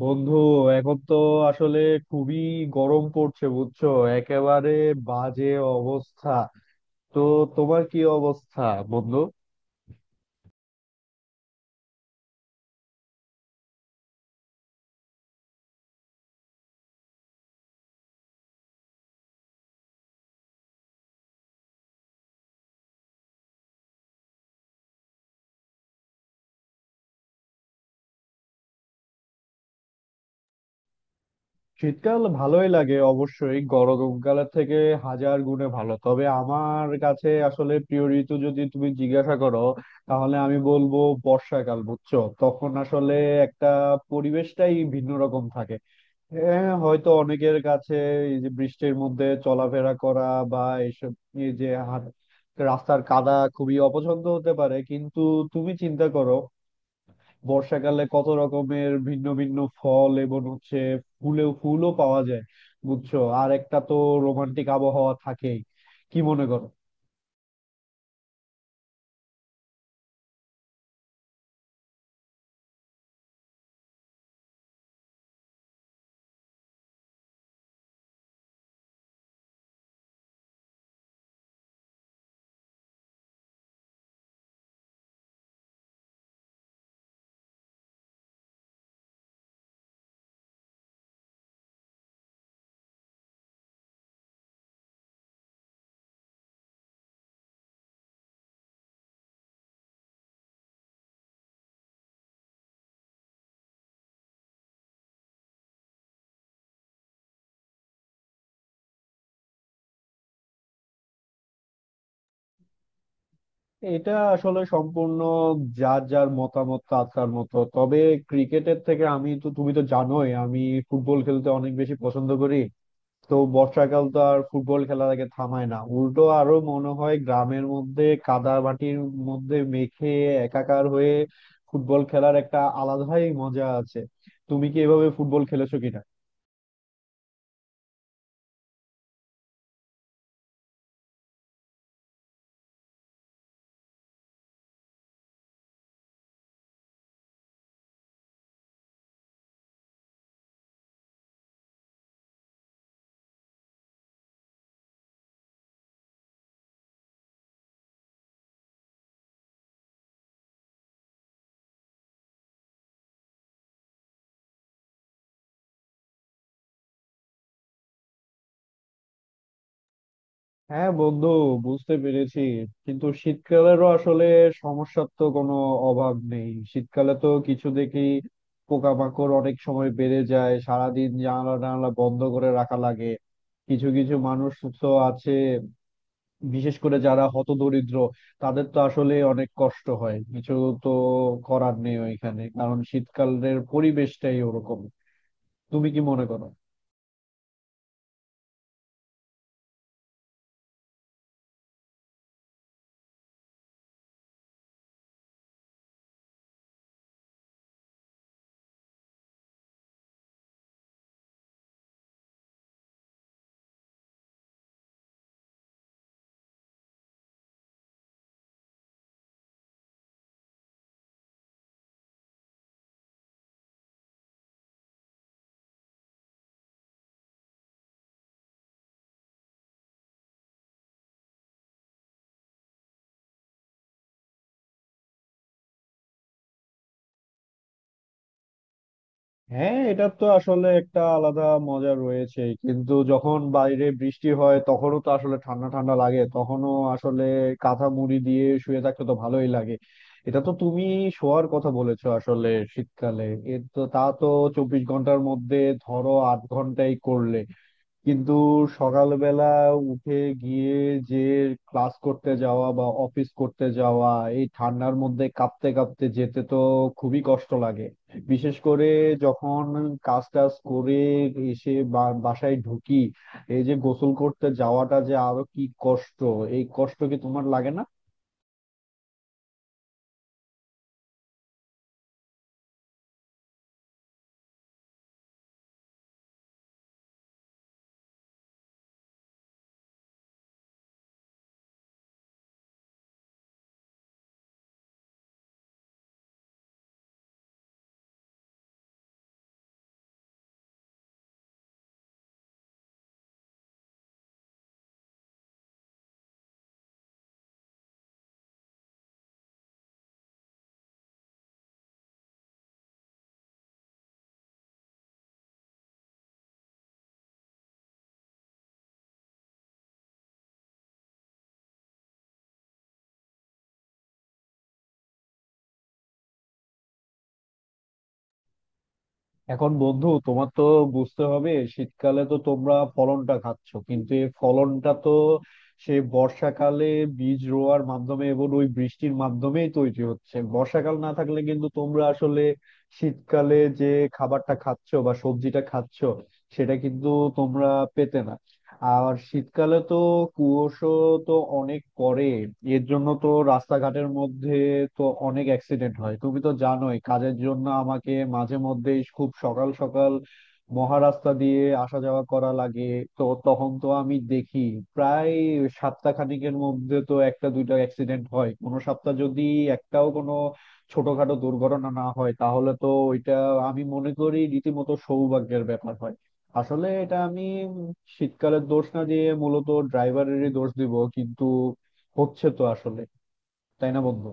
বন্ধু এখন তো আসলে খুবই গরম পড়ছে, বুঝছো? একেবারে বাজে অবস্থা। তো তোমার কি অবস্থা বন্ধু? শীতকাল ভালোই লাগে, অবশ্যই গরমকালের থেকে হাজার গুণে ভালো। তবে আমার কাছে আসলে প্রিয় ঋতু যদি তুমি জিজ্ঞাসা করো, তাহলে আমি বলবো বর্ষাকাল। বুঝছো, তখন আসলে একটা পরিবেশটাই ভিন্ন রকম থাকে। হ্যাঁ, হয়তো অনেকের কাছে এই যে বৃষ্টির মধ্যে চলাফেরা করা বা এইসব, এই যে রাস্তার কাদা খুবই অপছন্দ হতে পারে, কিন্তু তুমি চিন্তা করো, বর্ষাকালে কত রকমের ভিন্ন ভিন্ন ফল এবং হচ্ছে ফুলও পাওয়া যায়। বুঝছো, আর একটা তো রোমান্টিক আবহাওয়া থাকেই। কি মনে করো? এটা আসলে সম্পূর্ণ যার যার মতামত তার তার মতো। তবে ক্রিকেটের থেকে আমি তো, তুমি তো জানোই, আমি ফুটবল খেলতে অনেক বেশি পছন্দ করি। তো বর্ষাকাল তো আর ফুটবল খেলা থেকে থামায় না, উল্টো আরো মনে হয় গ্রামের মধ্যে কাদা মাটির মধ্যে মেখে একাকার হয়ে ফুটবল খেলার একটা আলাদাই মজা আছে। তুমি কি এভাবে ফুটবল খেলেছো কিনা? হ্যাঁ বন্ধু, বুঝতে পেরেছি। কিন্তু শীতকালেরও আসলে সমস্যার তো কোনো অভাব নেই। শীতকালে তো কিছু দেখি পোকামাকড় অনেক সময় বেড়ে যায়, সারাদিন জানালা টানালা বন্ধ করে রাখা লাগে। কিছু কিছু মানুষ তো আছে বিশেষ করে যারা হতদরিদ্র, তাদের তো আসলে অনেক কষ্ট হয়। কিছু তো করার নেই ওইখানে, কারণ শীতকালের পরিবেশটাই ওরকম। তুমি কি মনে করো? হ্যাঁ, এটার তো আসলে একটা আলাদা মজা রয়েছে, কিন্তু যখন বাইরে বৃষ্টি হয় তখনও তো আসলে ঠান্ডা ঠান্ডা লাগে, তখনও আসলে কাঁথা মুড়ি দিয়ে শুয়ে থাকতে তো ভালোই লাগে। এটা তো তুমি শোয়ার কথা বলেছো আসলে, শীতকালে এর তো তা তো 24 ঘন্টার মধ্যে ধরো 8 ঘন্টাই করলে, কিন্তু সকালবেলা উঠে গিয়ে যে ক্লাস করতে যাওয়া বা অফিস করতে যাওয়া, এই ঠান্ডার মধ্যে কাঁপতে কাঁপতে যেতে তো খুবই কষ্ট লাগে। বিশেষ করে যখন কাজ টাজ করে এসে বাসায় ঢুকি, এই যে গোসল করতে যাওয়াটা, যে আরো কি কষ্ট! এই কষ্ট কি তোমার লাগে না? এখন বন্ধু তোমার তো বুঝতে হবে, শীতকালে তো তোমরা ফলনটা খাচ্ছ, কিন্তু এই ফলনটা তো সেই বর্ষাকালে বীজ রোয়ার মাধ্যমে এবং ওই বৃষ্টির মাধ্যমেই তৈরি হচ্ছে। বর্ষাকাল না থাকলে কিন্তু তোমরা আসলে শীতকালে যে খাবারটা খাচ্ছো বা সবজিটা খাচ্ছো, সেটা কিন্তু তোমরা পেতে না। আর শীতকালে তো কুয়াশা তো অনেক পড়ে, এর জন্য তো রাস্তাঘাটের মধ্যে তো অনেক অ্যাক্সিডেন্ট হয়। তুমি তো জানোই, কাজের জন্য আমাকে মাঝে মধ্যেই খুব সকাল সকাল মহারাস্তা দিয়ে আসা যাওয়া করা লাগে। তো তখন তো আমি দেখি প্রায় সাতটা খানেকের মধ্যে তো একটা দুইটা অ্যাক্সিডেন্ট হয়। কোনো সপ্তাহ যদি একটাও কোনো ছোটখাটো দুর্ঘটনা না হয়, তাহলে তো ওইটা আমি মনে করি রীতিমতো সৌভাগ্যের ব্যাপার হয়। আসলে এটা আমি শীতকালের দোষ না দিয়ে মূলত ড্রাইভারেরই দোষ দিব, কিন্তু হচ্ছে তো আসলে, তাই না বন্ধু?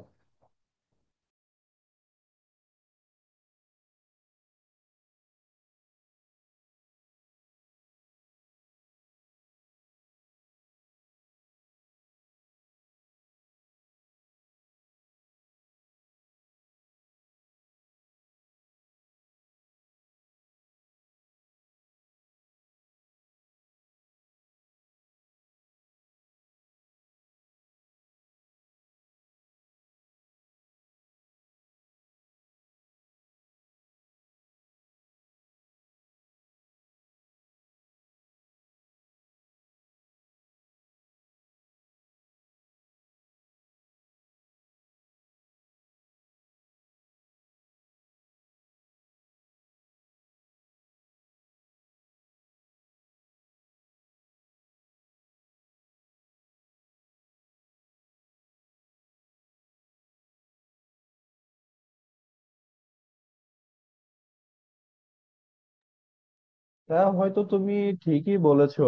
তা হয়তো তুমি ঠিকই বলেছো।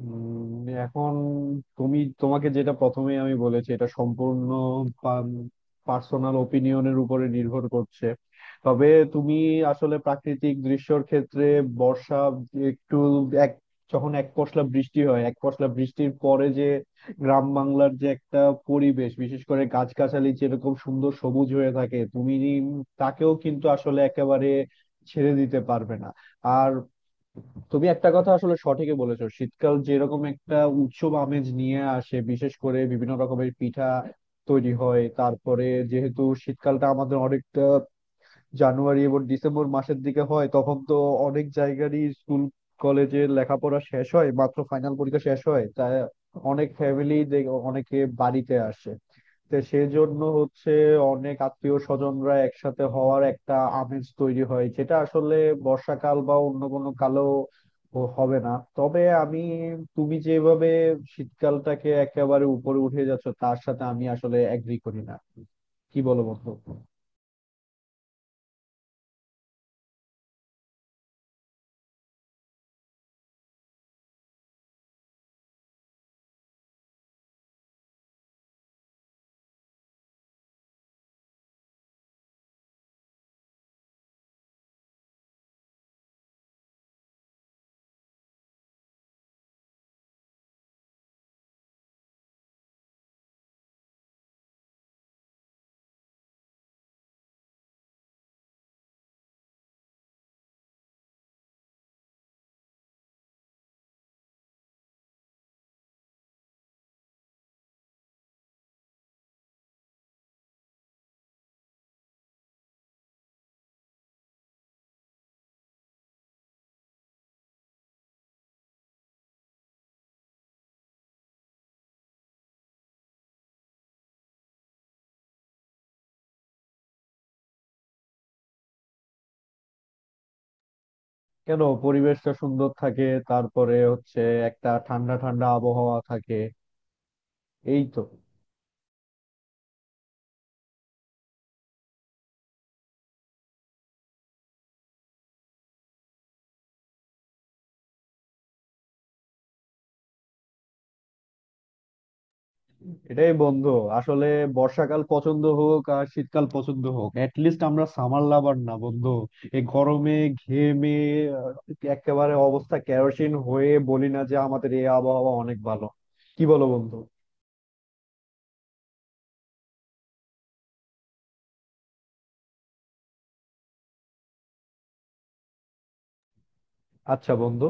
উম, এখন তোমাকে যেটা প্রথমে আমি বলেছি, এটা সম্পূর্ণ পার্সোনাল ওপিনিয়নের উপরে নির্ভর করছে। তবে তুমি আসলে প্রাকৃতিক দৃশ্যর ক্ষেত্রে বর্ষা একটু এক যখন এক পশলা বৃষ্টি হয়, এক পশলা বৃষ্টির পরে যে গ্রাম বাংলার যে একটা পরিবেশ, বিশেষ করে গাছগাছালি যেরকম সুন্দর সবুজ হয়ে থাকে, তুমি তাকেও কিন্তু আসলে একেবারে ছেড়ে দিতে পারবে না। আর তুমি একটা কথা আসলে সঠিকই বলেছো, শীতকাল যেরকম একটা উৎসব আমেজ নিয়ে আসে, বিশেষ করে বিভিন্ন রকমের পিঠা তৈরি হয়। তারপরে যেহেতু শীতকালটা আমাদের অনেকটা জানুয়ারি এবং ডিসেম্বর মাসের দিকে হয়, তখন তো অনেক জায়গারই স্কুল কলেজে লেখাপড়া শেষ হয়, মাত্র ফাইনাল পরীক্ষা শেষ হয়, তাই অনেক ফ্যামিলি, অনেকে বাড়িতে আসে। তো সেজন্য হচ্ছে অনেক আত্মীয় স্বজনরা একসাথে হওয়ার একটা আমেজ তৈরি হয়, যেটা আসলে বর্ষাকাল বা অন্য কোনো কালেও হবে না। তবে আমি, তুমি যেভাবে শীতকালটাকে একেবারে উপরে উঠে যাচ্ছ, তার সাথে আমি আসলে এগ্রি করি না। কি বলো বন্ধু? কেন, পরিবেশটা সুন্দর থাকে, তারপরে হচ্ছে একটা ঠান্ডা ঠান্ডা আবহাওয়া থাকে, এই তো। এটাই বন্ধু, আসলে বর্ষাকাল পছন্দ হোক আর শীতকাল পছন্দ হোক, লিস্ট আমরা সামার লাভার না বন্ধু। এই গরমে ঘেমে আহ, একেবারে অবস্থা কেরোসিন হয়ে বলি না যে আমাদের এই আবহাওয়া অনেক ভালো। কি বলো বন্ধু? আচ্ছা বন্ধু।